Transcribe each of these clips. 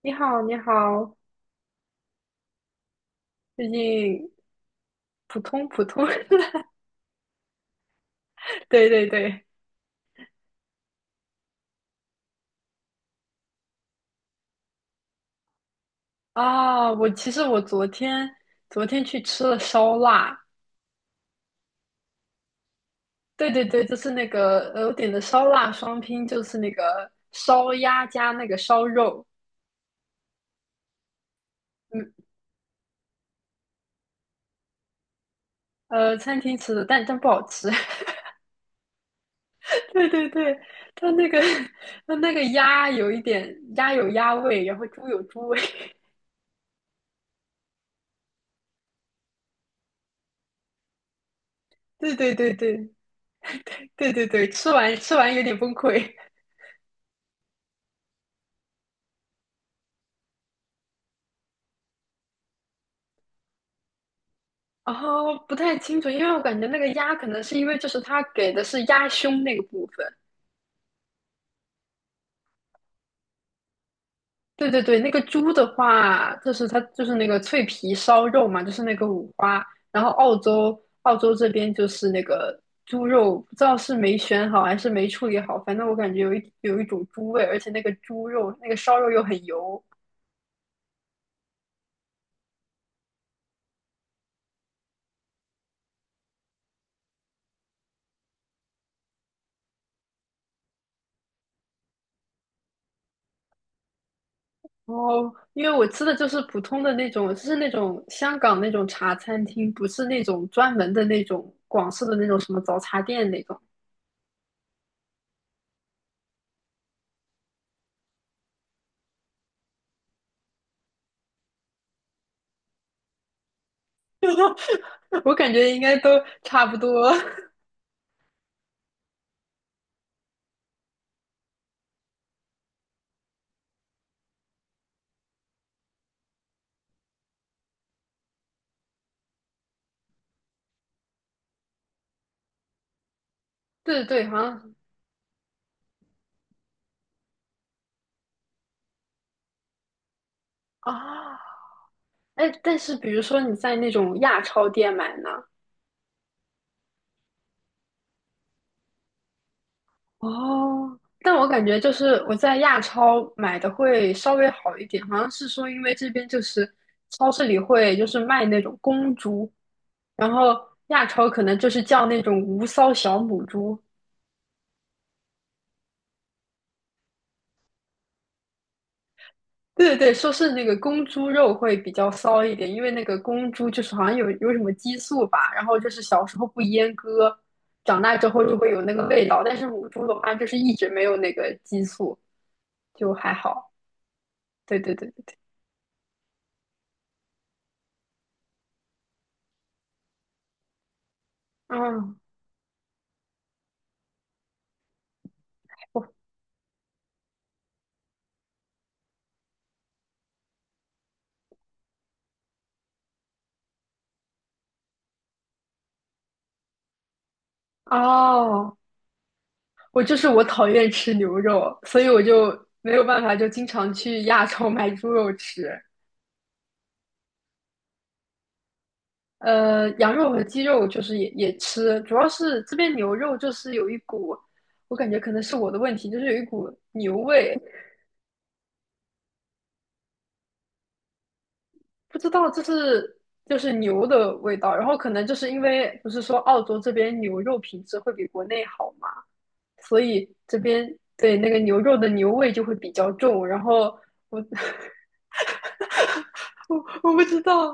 你好，你好，最近普通普通，对对对，啊，我其实我昨天昨天去吃了烧腊，对对对，就是那个我点的烧腊双拼，就是那个烧鸭加那个烧肉，嗯，餐厅吃的，但不好吃，对对对，它那个 它那个鸭有一点鸭有鸭味，然后猪有猪味，对对对对对对对，吃完吃完有点崩溃，哦，不太清楚，因为我感觉那个鸭可能是因为就是它给的是鸭胸那个部分，对对对，那个猪的话，就是它就是那个脆皮烧肉嘛，就是那个五花，然后澳洲这边就是那个猪肉，不知道是没选好还是没处理好，反正我感觉有一种猪味，而且那个猪肉那个烧肉又很油。哦，因为我吃的就是普通的那种，就是那种香港那种茶餐厅，不是那种专门的那种广式的那种什么早茶店那种。我感觉应该都差不多。对对好像 啊，哎，但是比如说你在那种亚超店买呢，哦，但我感觉就是我在亚超买的会稍微好一点，好像是说因为这边就是超市里会就是卖那种公猪，然后亚超可能就是叫那种无骚小母猪，对对对，说是那个公猪肉会比较骚一点，因为那个公猪就是好像有什么激素吧，然后就是小时候不阉割，长大之后就会有那个味道，但是母猪的话就是一直没有那个激素，就还好。对对对对对，嗯，我哦，我就是我讨厌吃牛肉，所以我就没有办法，就经常去亚超买猪肉吃。羊肉和鸡肉就是也吃，主要是这边牛肉就是有一股，我感觉可能是我的问题，就是有一股牛味，不知道这是就是牛的味道，然后可能就是因为不是说澳洲这边牛肉品质会比国内好嘛，所以这边对那个牛肉的牛味就会比较重，然后我我我不知道，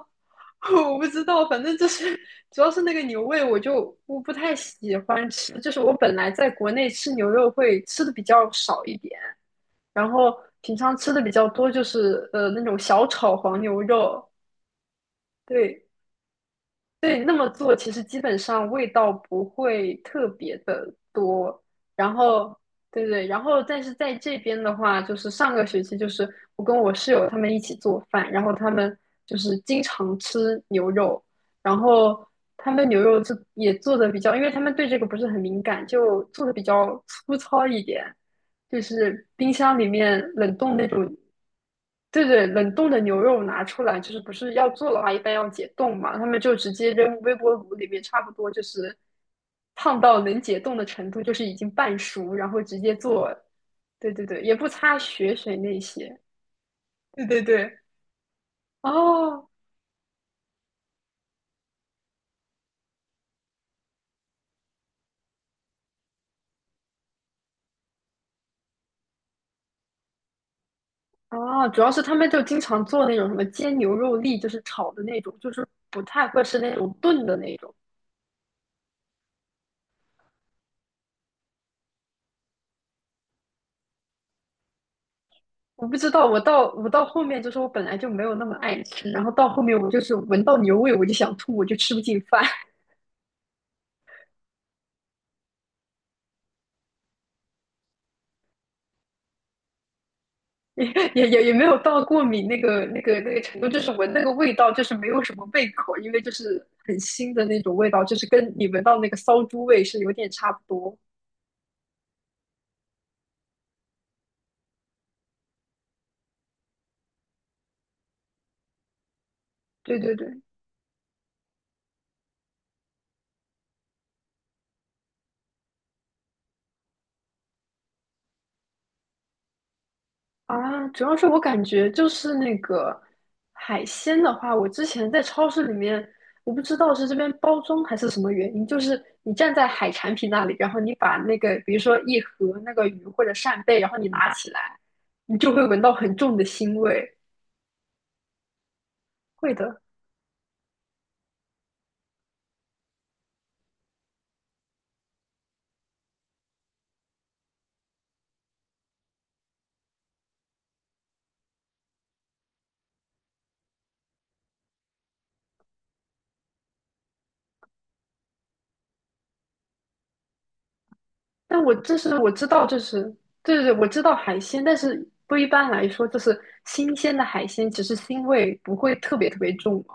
我不知道，反正就是主要是那个牛味，我不太喜欢吃。就是我本来在国内吃牛肉会吃的比较少一点，然后平常吃的比较多就是那种小炒黄牛肉，对。对，那么做其实基本上味道不会特别的多，然后对对，然后但是在这边的话，就是上个学期就是我跟我室友他们一起做饭，然后他们就是经常吃牛肉，然后他们牛肉就也做的比较，因为他们对这个不是很敏感，就做的比较粗糙一点，就是冰箱里面冷冻那种对对，冷冻的牛肉拿出来，就是不是要做的话，一般要解冻嘛，他们就直接扔微波炉里面，差不多就是烫到能解冻的程度，就是已经半熟，然后直接做。对对对，也不擦血水那些。对对对，哦哦，主要是他们就经常做那种什么煎牛肉粒，就是炒的那种，就是不太会吃那种炖的那种。我不知道，我到后面就是我本来就没有那么爱吃，然后到后面我就是闻到牛味我就想吐，我就吃不进饭。也也没有到过敏那个程度，就是闻那个味道就是没有什么胃口，因为就是很腥的那种味道，就是跟你闻到那个骚猪味是有点差不多。对对对，啊，主要是我感觉就是那个海鲜的话，我之前在超市里面，我不知道是这边包装还是什么原因，就是你站在海产品那里，然后你把那个比如说一盒那个鱼或者扇贝，然后你拿起来，你就会闻到很重的腥味。会的，但我就是我知道，就是对对对，我知道海鲜，但是不一般来说，就是新鲜的海鲜，其实腥味不会特别特别重嘛。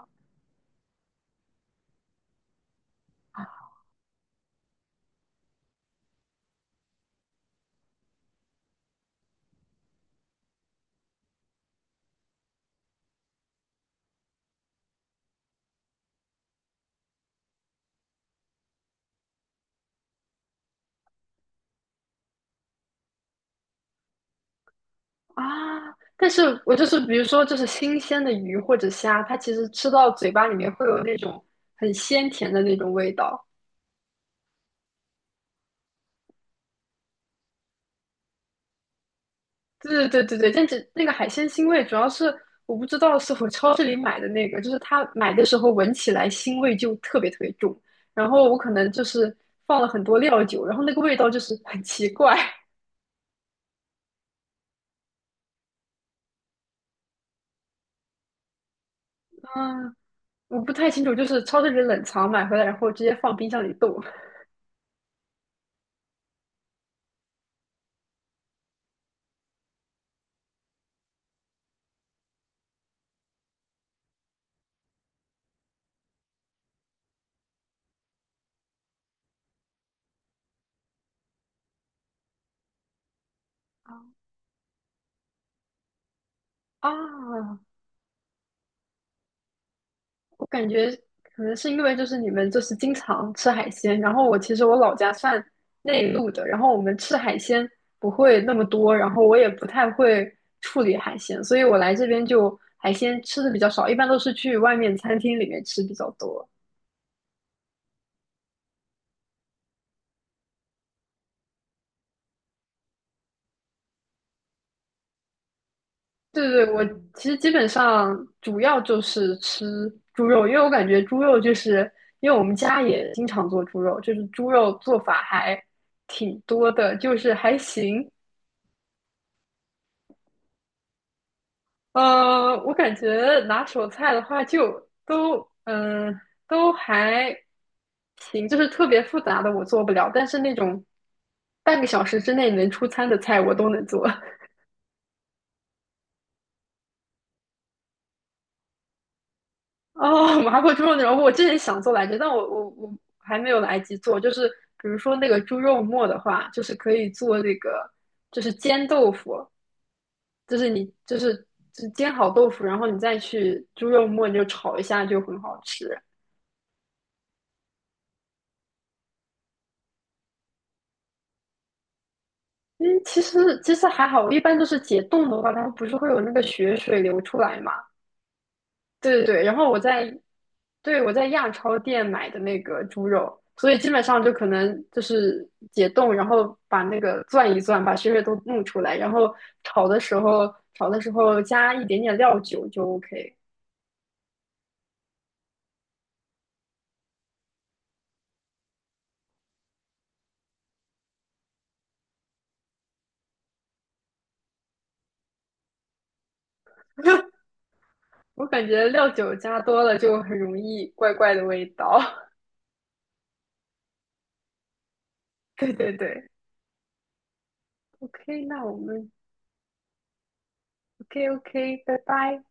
啊，但是我就是比如说，就是新鲜的鱼或者虾，它其实吃到嘴巴里面会有那种很鲜甜的那种味道。对对对对对，但是那个海鲜腥味主要是我不知道是我超市里买的那个，就是它买的时候闻起来腥味就特别特别重，然后我可能就是放了很多料酒，然后那个味道就是很奇怪。嗯，我不太清楚，就是超市里冷藏买回来，然后直接放冰箱里冻。啊，我感觉可能是因为就是你们就是经常吃海鲜，然后我其实老家算内陆的，然后我们吃海鲜不会那么多，然后我也不太会处理海鲜，所以我来这边就海鲜吃的比较少，一般都是去外面餐厅里面吃比较多。对对，我其实基本上主要就是吃猪肉，因为我感觉猪肉就是因为我们家也经常做猪肉，就是猪肉做法还挺多的，就是还行。我感觉拿手菜的话就都嗯、呃都还行，就是特别复杂的我做不了，但是那种半个小时之内能出餐的菜我都能做。哦，麻婆猪肉那种，我之前想做来着，但我还没有来及做。就是比如说那个猪肉末的话，就是可以做那个，就是煎豆腐，就是你就是煎好豆腐，然后你再去猪肉末你就炒一下，就很好吃。嗯，其实还好，一般都是解冻的话，它不是会有那个血水流出来嘛。对对对，然后我在，对，我在亚超店买的那个猪肉，所以基本上就可能就是解冻，然后把那个攥一攥，把血水都弄出来，然后炒的时候加一点点料酒就 OK。我感觉料酒加多了就很容易怪怪的味道。对对对，OK，那我们 OK OK，拜拜。